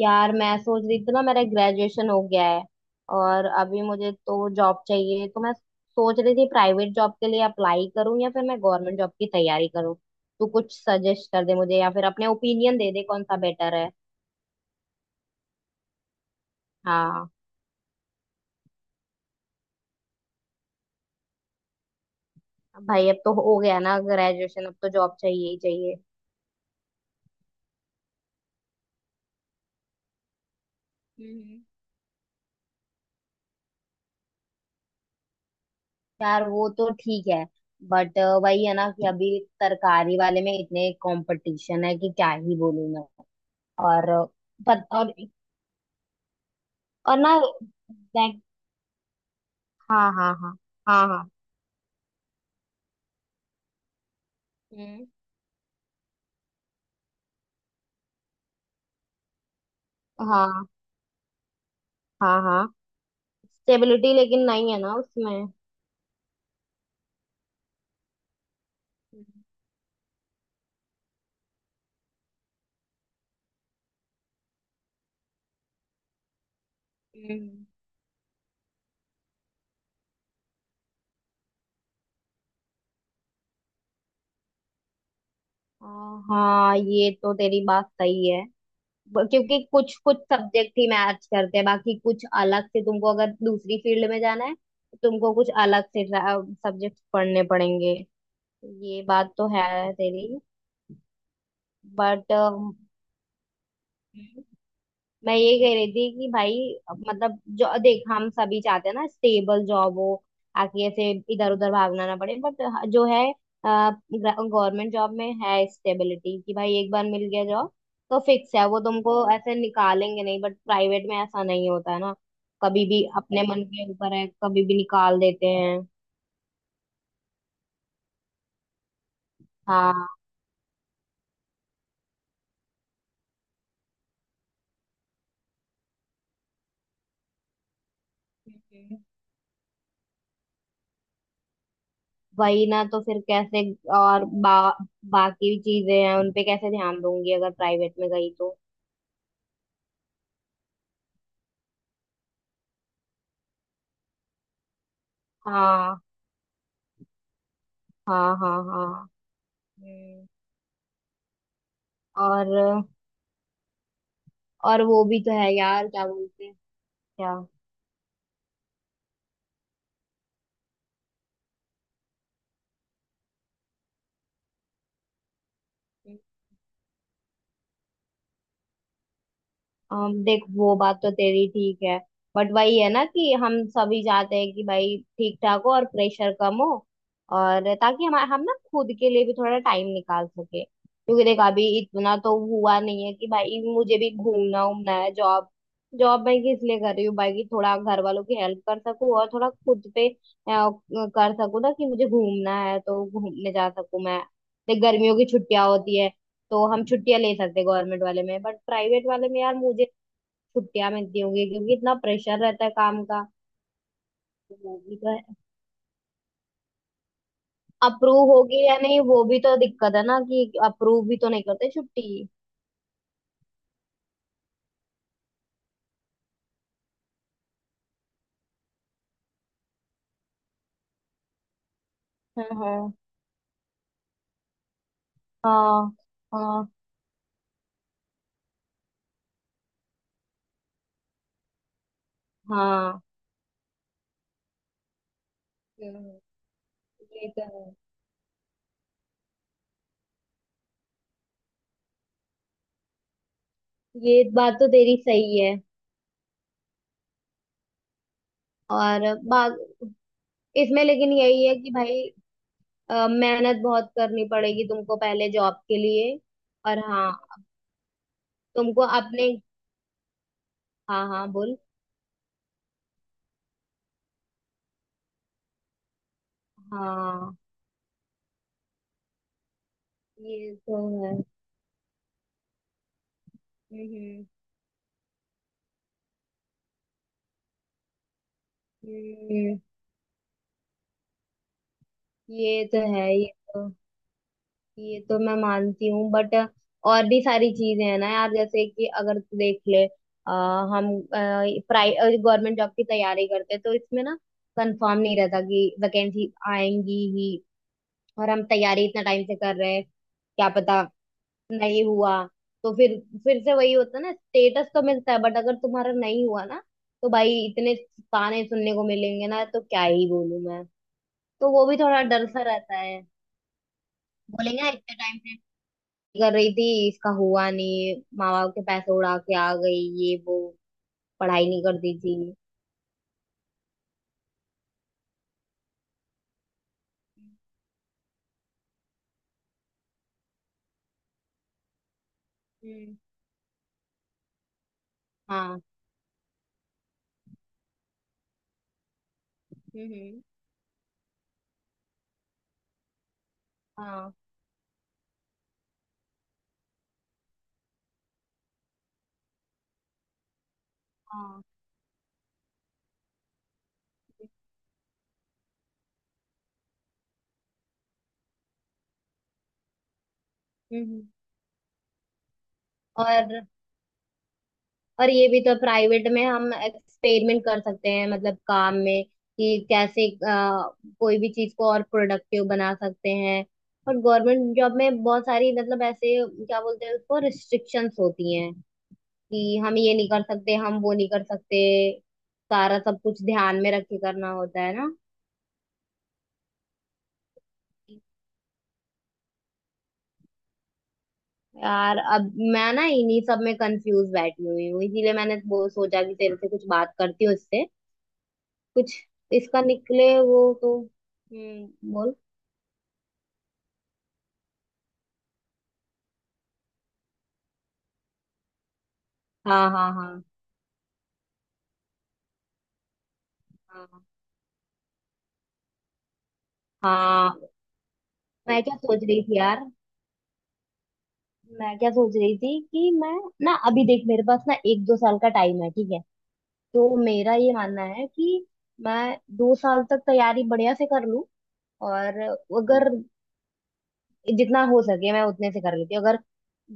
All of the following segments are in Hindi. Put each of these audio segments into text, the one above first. यार मैं सोच रही थी ना मेरा ग्रेजुएशन हो गया है। और अभी मुझे तो जॉब चाहिए, तो मैं सोच रही थी प्राइवेट जॉब के लिए अप्लाई करूं या फिर मैं गवर्नमेंट जॉब की तैयारी करूं। तू कुछ सजेस्ट कर दे मुझे या फिर अपने ओपिनियन दे दे कौन सा बेटर है। हाँ। भाई अब तो हो गया ना ग्रेजुएशन, अब तो जॉब चाहिए ही चाहिए। हम्म। यार वो तो ठीक है, बट वही है ना कि अभी सरकारी वाले में इतने कंपटीशन है कि क्या ही बोलूं मैं। और पत, और और ना like। हाँ हाँ हाँ। हाँ हाँ। हम्म। हाँ हाँ। हाँ स्टेबिलिटी लेकिन नहीं है ना उसमें। हम्म। आ, हाँ ये तो तेरी बात सही है। क्योंकि कुछ कुछ सब्जेक्ट ही मैच करते हैं, बाकी कुछ अलग से तुमको अगर दूसरी फील्ड में जाना है तो तुमको कुछ अलग से सब्जेक्ट पढ़ने पड़ेंगे। ये बात तो है तेरी। बट मैं ये कह रही थी कि भाई, मतलब जो देख हम सभी चाहते हैं ना स्टेबल जॉब हो, ताकि ऐसे इधर उधर भागना ना पड़े। बट जो है गवर्नमेंट जॉब में है स्टेबिलिटी कि भाई एक बार मिल गया जॉब तो फिक्स है, वो तुमको ऐसे निकालेंगे नहीं, बट प्राइवेट में ऐसा नहीं होता है ना। कभी भी अपने मन के ऊपर है, कभी भी निकाल देते हैं। हाँ। हम्म। वही ना, तो फिर कैसे और बाकी चीजें हैं उनपे कैसे ध्यान दूंगी अगर प्राइवेट में गई तो। हाँ हाँ। हाँ हाँ। हम्म। और और वो भी तो है यार क्या बोलते हैं। क्या देख वो बात तो तेरी ठीक है, बट वही है ना कि हम सभी चाहते हैं कि भाई ठीक ठाक हो और प्रेशर कम हो, और ताकि हम ना खुद के लिए भी थोड़ा टाइम निकाल सके, क्योंकि देख अभी इतना तो हुआ नहीं है कि भाई मुझे भी घूमना उमना है। जॉब, जॉब मैं किस लिए कर रही हूँ भाई, कि थोड़ा घर वालों की हेल्प कर सकूँ और थोड़ा खुद पे कर सकूँ, ना कि मुझे घूमना है तो घूमने जा सकूँ मैं। देख गर्मियों की छुट्टियां होती है, तो हम छुट्टियां ले सकते गवर्नमेंट वाले में, बट प्राइवेट वाले में यार मुझे छुट्टियां मिलती होंगी क्योंकि इतना प्रेशर रहता है काम का। वो भी तो है। अप्रूव होगी या नहीं, वो भी तो दिक्कत है ना, कि अप्रूव भी तो नहीं करते छुट्टी। हाँ हाँ। हाँ हाँ। हाँ हम्म। ये तो है ये। बात तो तेरी सही है। और बात इसमें लेकिन यही है कि भाई, मेहनत बहुत करनी पड़ेगी तुमको पहले जॉब के लिए। और हाँ, तुमको अपने। हाँ हाँ बोल। हाँ ये तो है। हम्म हम्म। ये तो है ये तो। ये तो मैं मानती हूँ बट और भी सारी चीजें हैं ना यार, जैसे कि अगर तू देख ले हम प्राइवेट गवर्नमेंट जॉब की तैयारी करते हैं तो इसमें ना कंफर्म नहीं रहता कि वैकेंसी आएंगी ही, और हम तैयारी इतना टाइम से कर रहे हैं, क्या पता नहीं हुआ, तो फिर से वही होता है ना, स्टेटस तो मिलता है बट अगर तुम्हारा नहीं हुआ ना तो भाई इतने ताने सुनने को मिलेंगे ना, तो क्या ही बोलूं मैं, तो वो भी थोड़ा डर सा रहता है। बोलेंगे ना इतने टाइम से कर रही थी, इसका हुआ नहीं, माँ बाप के पैसे उड़ा के आ गई, ये वो पढ़ाई नहीं करती थी। हम्म। हाँ हम्म। हाँ हाँ। हम्म। और और ये भी तो प्राइवेट में हम एक्सपेरिमेंट कर सकते हैं, मतलब काम में कि कैसे कोई भी चीज को और प्रोडक्टिव बना सकते हैं। और गवर्नमेंट जॉब में बहुत सारी, मतलब ऐसे क्या बोलते हैं उसको, रिस्ट्रिक्शंस होती हैं कि हम ये नहीं कर सकते, हम वो नहीं कर सकते, सारा सब कुछ ध्यान में रख के करना होता है ना। यार अब मैं ना इन्हीं सब में कंफ्यूज बैठी हुई हूँ, इसीलिए मैंने वो सोचा कि तेरे से कुछ बात करती हूँ, इससे कुछ इसका निकले वो तो। बोल। हाँ हाँ हाँ। हाँ हाँ। मैं क्या सोच रही थी यार, मैं क्या सोच रही थी कि मैं ना अभी देख मेरे पास ना 1 2 साल का टाइम है, ठीक है। तो मेरा ये मानना है कि मैं 2 साल तक तैयारी बढ़िया से कर लूं, और अगर जितना हो सके मैं उतने से कर लेती हूँ। अगर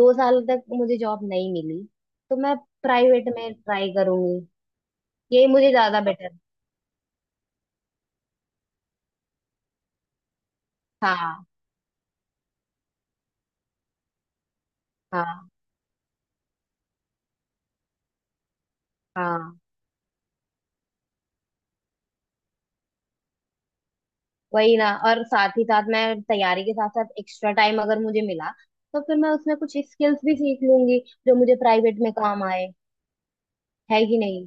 2 साल तक मुझे जॉब नहीं मिली तो मैं प्राइवेट में ट्राई करूंगी। ये मुझे ज्यादा बेटर। हाँ हाँ हाँ। वही ना, और साथ ही साथ मैं तैयारी के साथ साथ एक्स्ट्रा टाइम अगर मुझे मिला तो फिर मैं उसमें कुछ स्किल्स भी सीख लूंगी जो मुझे प्राइवेट में काम आए। है कि नहीं।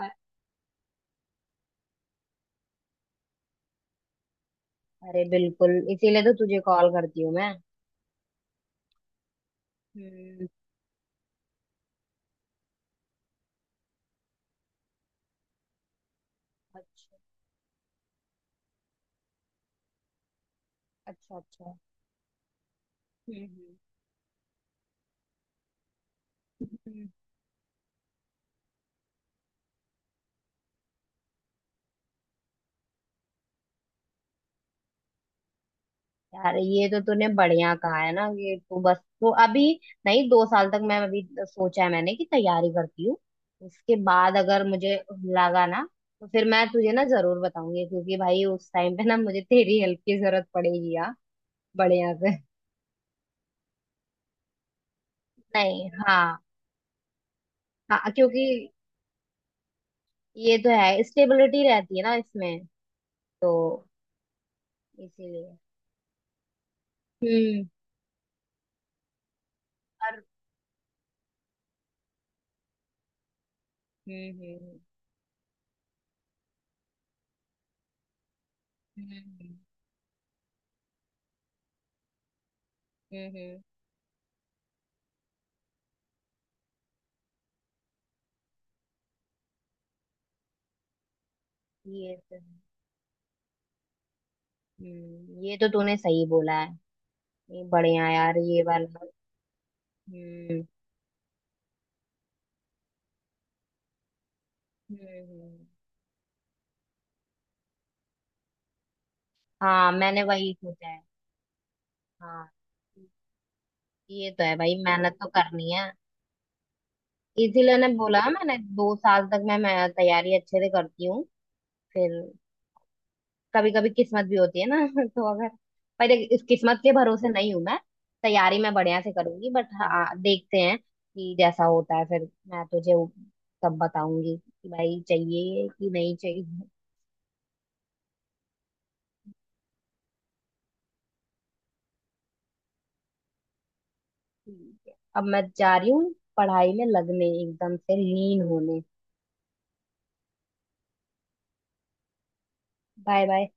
अ- अरे बिल्कुल, इसीलिए तो तुझे कॉल करती हूँ मैं। हम्म। अच्छा अच्छा अच्छा। हम्म हम्म। यार ये तो तूने बढ़िया कहा है ना कि तू बस तू अभी। नहीं, दो साल तक मैं अभी सोचा है मैंने कि तैयारी करती हूँ, उसके बाद अगर मुझे लगा ना तो फिर मैं तुझे ना जरूर बताऊंगी, क्योंकि भाई उस टाइम पे ना मुझे तेरी हेल्प की जरूरत पड़ेगी यार। बढ़िया से। नहीं हाँ। हाँ क्योंकि ये तो है, स्टेबिलिटी रहती है ना इसमें, तो इसीलिए। हम्म। और। हम्म हम्म हम्म। हम्म। हम्म। ये तो है। ये तो तूने सही बोला है। ये बढ़िया यार ये वाला। हम्म हम्म हम्म। हाँ मैंने वही सोचा है। हाँ। ये तो है भाई, मेहनत तो करनी है। इसीलिए ने बोला है मैंने 2 साल तक मैं तैयारी अच्छे से करती हूँ, फिर कभी कभी किस्मत भी होती है ना तो अगर, पर देख, इस किस्मत के भरोसे नहीं हूँ मैं। तैयारी मैं बढ़िया से करूंगी, बट हाँ देखते हैं कि जैसा होता है फिर मैं तुझे वो तब बताऊंगी कि भाई चाहिए कि नहीं चाहिए। ठीक है, अब मैं जा रही हूँ पढ़ाई में लगने, एकदम से लीन होने। Bye bye.